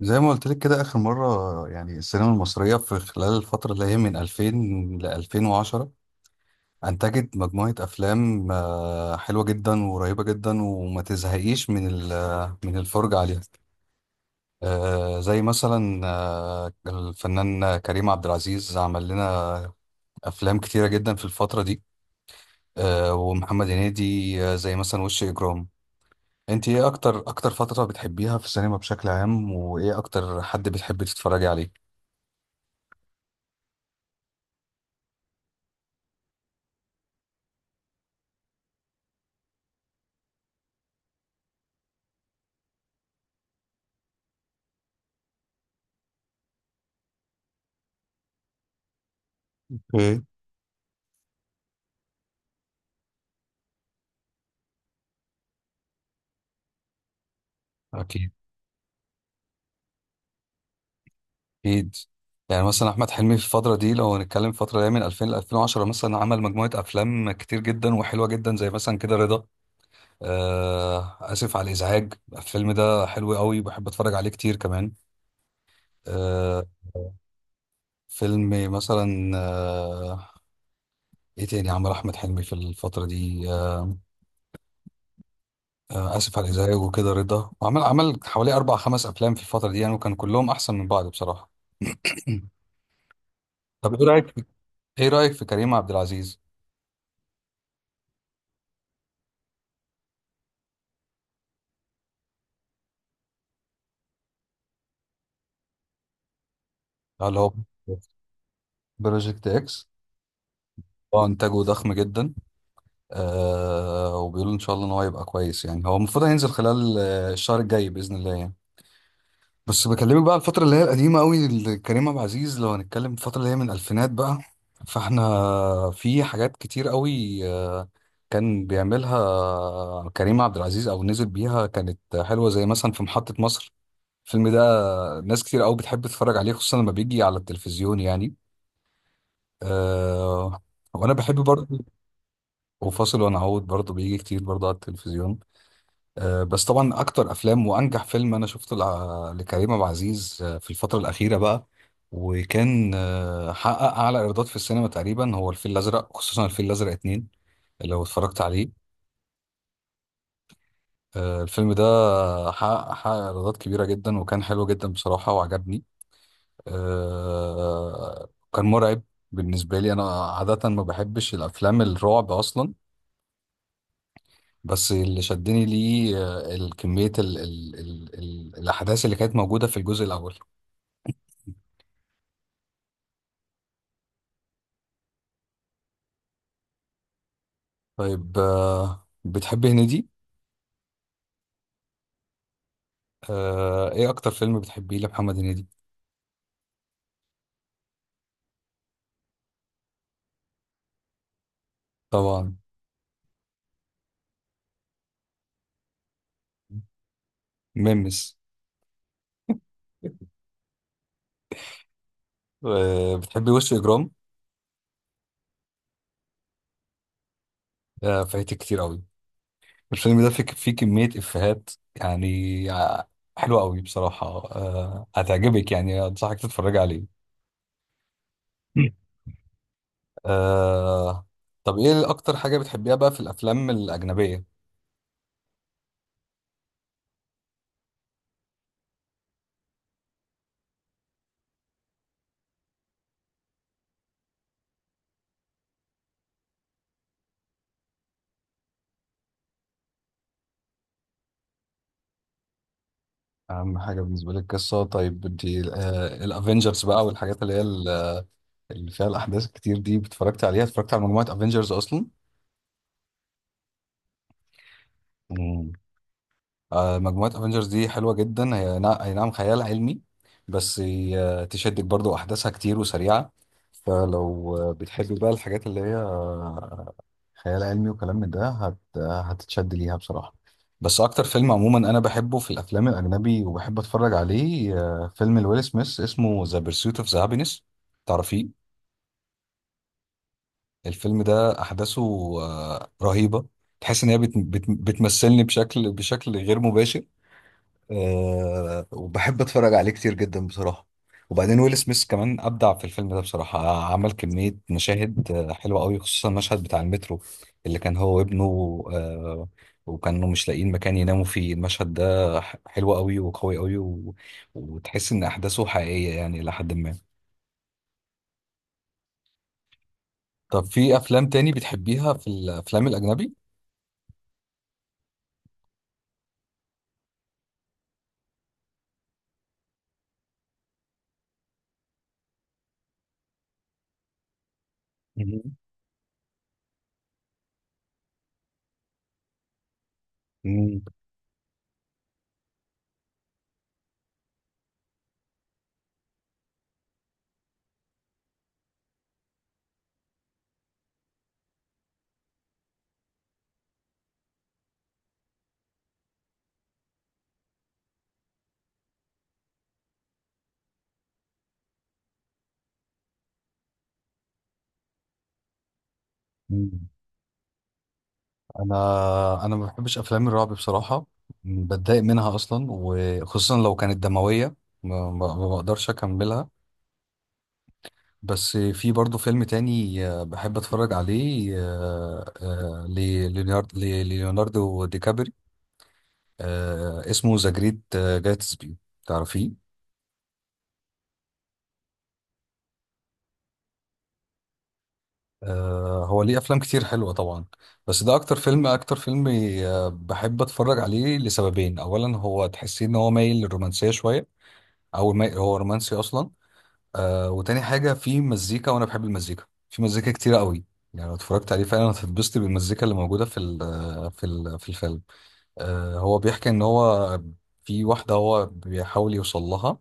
زي ما قلت لك كده آخر مرة، يعني السينما المصرية في خلال الفترة اللي هي من 2000 ل 2010 أنتجت مجموعة أفلام حلوة جدا وقريبة جدا وما تزهقيش من الفرجة عليها. زي مثلا الفنان كريم عبد العزيز عمل لنا أفلام كتيرة جدا في الفترة دي. ومحمد هنيدي. زي مثلا وش إجرام. أنت إيه أكتر فترة بتحبيها في السينما بشكل عام، وإيه أكتر حد بتحبي تتفرجي عليه؟ ايه. أكيد. اكيد. يعني مثلا احمد حلمي في الفتره دي، لو هنتكلم الفتره اللي هي من 2000 ل 2010، مثلا عمل مجموعه افلام كتير جدا وحلوه جدا، زي مثلا كده رضا. اسف على الازعاج. الفيلم ده حلو قوي، بحب اتفرج عليه كتير كمان. آه فيلم مثلا ايه تاني عمل احمد حلمي في الفتره دي. اسف على الازعاج. وكده رضا، وعمل حوالي اربع خمس افلام في الفتره دي يعني، وكان كلهم احسن من بعض بصراحه. طب ايه رايك؟ ايه رايك في كريم عبد العزيز؟ اللي هو بروجكت اكس. هو انتاجه ضخم جدا. وبيقولوا ان شاء الله ان هو هيبقى كويس، يعني هو المفروض هينزل خلال الشهر الجاي باذن الله يعني. بس بكلمك بقى على الفتره اللي هي القديمه قوي لكريم عبد العزيز، لو هنتكلم الفتره اللي هي من الالفينات بقى. فاحنا في حاجات كتير قوي كان بيعملها كريم عبد العزيز او نزل بيها، كانت حلوه، زي مثلا في محطه مصر. الفيلم ده ناس كتير قوي بتحب تتفرج عليه، خصوصا لما بيجي على التلفزيون يعني. آه وانا بحب برضه. وفاصل ونعود برضه بيجي كتير برضه على التلفزيون. بس طبعا اكتر افلام وانجح فيلم انا شفته لكريم عبد العزيز في الفتره الاخيره بقى، وكان حقق اعلى ايرادات في السينما تقريبا، هو الفيل الازرق، خصوصا الفيل الازرق اتنين. لو اتفرجت عليه الفيلم ده حقق ايرادات كبيره جدا، وكان حلو جدا بصراحه، وعجبني. كان مرعب. بالنسبه لي انا عاده ما بحبش الافلام الرعب اصلا، بس اللي شدني ليه الكمية، ال ال ال ال الأحداث اللي كانت موجودة في الجزء الأول. طيب بتحبي هنيدي؟ إيه أكتر فيلم بتحبيه لمحمد هنيدي؟ طبعا. ميمس. بتحبي وش إجرام؟ فايتك كتير أوي. الفيلم ده فيه كمية إفيهات يعني حلوة أوي بصراحة. هتعجبك، يعني أنصحك تتفرج عليه. آه، طب إيه أكتر حاجة بتحبيها بقى في الأفلام الأجنبية؟ اهم حاجه بالنسبه لك قصه. طيب انت الافنجرز بقى والحاجات اللي هي اللي فيها الاحداث الكتير دي، اتفرجت على مجموعه افنجرز اصلا؟ مم. مجموعة افنجرز دي حلوة جدا. هي اي نعم، خيال علمي، بس هي تشدك برضو، احداثها كتير وسريعة. فلو بتحبي بقى الحاجات اللي هي خيال علمي وكلام من ده، هتتشد ليها بصراحة. بس اكتر فيلم عموما انا بحبه في الافلام الاجنبي وبحب اتفرج عليه فيلم لويل سميث، اسمه ذا بيرسوت اوف ذا هابينس. تعرفيه؟ الفيلم ده احداثه رهيبة. تحس ان هي بتمثلني بشكل غير مباشر. وبحب اتفرج عليه كتير جدا بصراحه. وبعدين ويل سميث كمان ابدع في الفيلم ده بصراحه، عمل كميه مشاهد حلوه قوي، خصوصا المشهد بتاع المترو اللي كان هو وابنه. أه وكانوا مش لاقيين مكان يناموا فيه. المشهد ده حلو قوي وقوي قوي وتحس ان احداثه حقيقيه يعني الى حد ما. طب في افلام تاني بتحبيها في الافلام الاجنبي؟ مم. مم. انا ما بحبش افلام الرعب بصراحه، بتضايق منها اصلا، وخصوصا لو كانت دمويه. ما بقدرش اكملها. بس في برضو فيلم تاني بحب اتفرج عليه ليوناردو دي كابري، اسمه ذا جريت جاتسبي. تعرفيه؟ هو ليه افلام كتير حلوه طبعا، بس ده اكتر فيلم، بحب اتفرج عليه لسببين. اولا، هو تحسيه ان هو مايل للرومانسيه شويه، او هو رومانسي اصلا. وتاني حاجة، في مزيكا وأنا بحب المزيكا، في مزيكا كتيرة قوي يعني، لو اتفرجت عليه فعلا هتتبسط بالمزيكا اللي موجودة في الفيلم. هو بيحكي إن هو في واحدة هو بيحاول يوصل لها،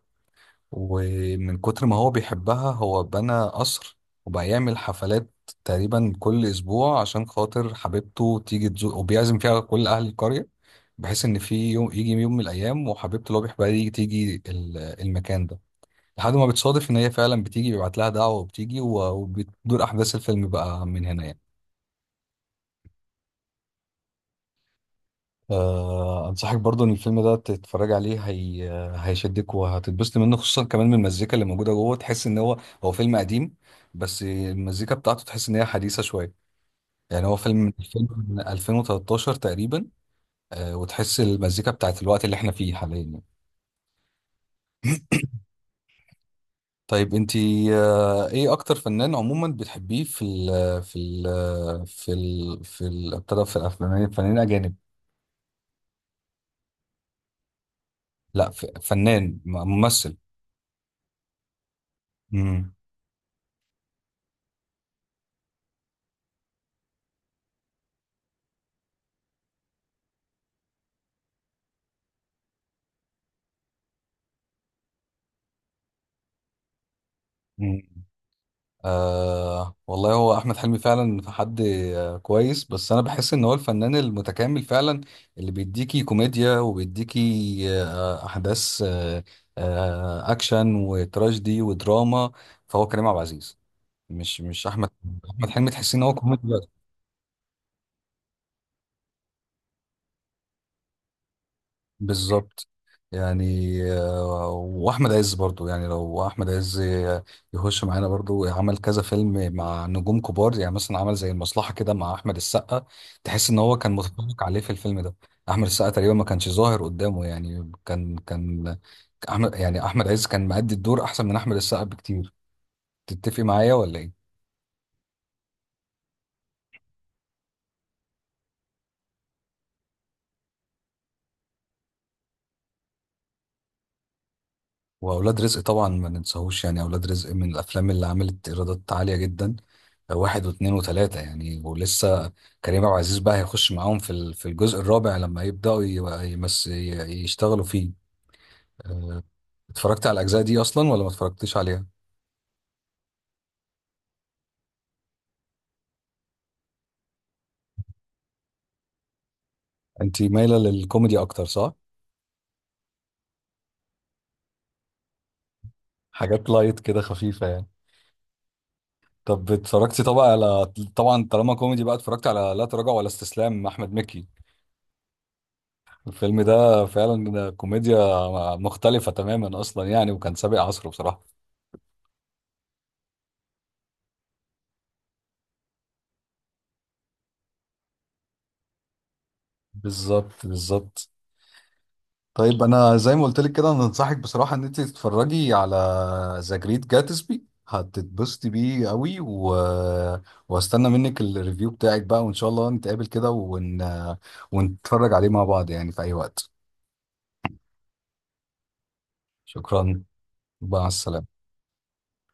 ومن كتر ما هو بيحبها هو بنى قصر، وبقى يعمل حفلات تقريبا كل أسبوع عشان خاطر حبيبته تيجي تزور، وبيعزم فيها كل أهل القرية، بحيث إن في يوم، يجي يوم من الأيام، وحبيبته اللي هو بيحبها دي تيجي المكان ده. لحد ما بتصادف ان هي فعلا بتيجي، بيبعت لها دعوه وبتيجي، وبتدور احداث الفيلم بقى من هنا يعني. انصحك برضو ان الفيلم ده تتفرج عليه. هي هيشدك وهتتبسط منه، خصوصا كمان من المزيكا اللي موجوده جوه. تحس ان هو فيلم قديم، بس المزيكا بتاعته تحس ان هي حديثه شويه. يعني هو فيلم من 2000، من 2013 تقريبا. وتحس المزيكا بتاعت الوقت اللي احنا فيه حاليا يعني. طيب انتي ايه اكتر فنان عموما بتحبيه في ال في ال في ال في ال ابتدى في الافلام، فنانين اجانب؟ لا، فنان، ممثل. امم والله هو احمد حلمي فعلا حد كويس، بس انا بحس ان هو الفنان المتكامل فعلا، اللي بيديكي كوميديا وبيديكي احداث اكشن وتراجيدي ودراما. فهو كريم عبد العزيز، مش احمد. احمد حلمي تحسين ان هو كوميدي. بالظبط. يعني واحمد عز برضو، يعني لو احمد عز يخش معانا برضو، عمل كذا فيلم مع نجوم كبار، يعني مثلا عمل زي المصلحة كده مع احمد السقا. تحس ان هو كان متفوق عليه في الفيلم ده. احمد السقا تقريبا ما كانش ظاهر قدامه، يعني كان، احمد عز كان مأدي الدور احسن من احمد السقا بكتير. تتفق معايا ولا ايه؟ واولاد رزق طبعا ما ننساهوش، يعني اولاد رزق من الافلام اللي عملت ايرادات عاليه جدا، واحد واثنين وثلاثه يعني، ولسه كريم عبد العزيز بقى هيخش معاهم في الجزء الرابع لما يبداوا يشتغلوا فيه. أه، اتفرجت على الاجزاء دي اصلا ولا ما اتفرجتيش عليها؟ انت مايله للكوميدي اكتر صح؟ حاجات لايت كده خفيفه يعني. طب اتفرجتي طبعا على طبعا طالما كوميدي بقى، اتفرجت على لا تراجع ولا استسلام احمد مكي؟ الفيلم ده فعلا كوميديا مختلفة تماما أصلا يعني، وكان سابق عصره بصراحة. بالظبط، بالظبط. طيب أنا زي ما قلت لك كده، أنا أنصحك بصراحة إن أنت تتفرجي على ذا جريت جاتسبي، هتتبسطي بيه قوي واستنى منك الريفيو بتاعك بقى، وإن شاء الله نتقابل كده ونتفرج عليه مع بعض يعني في أي وقت. شكرا. مع السلامة.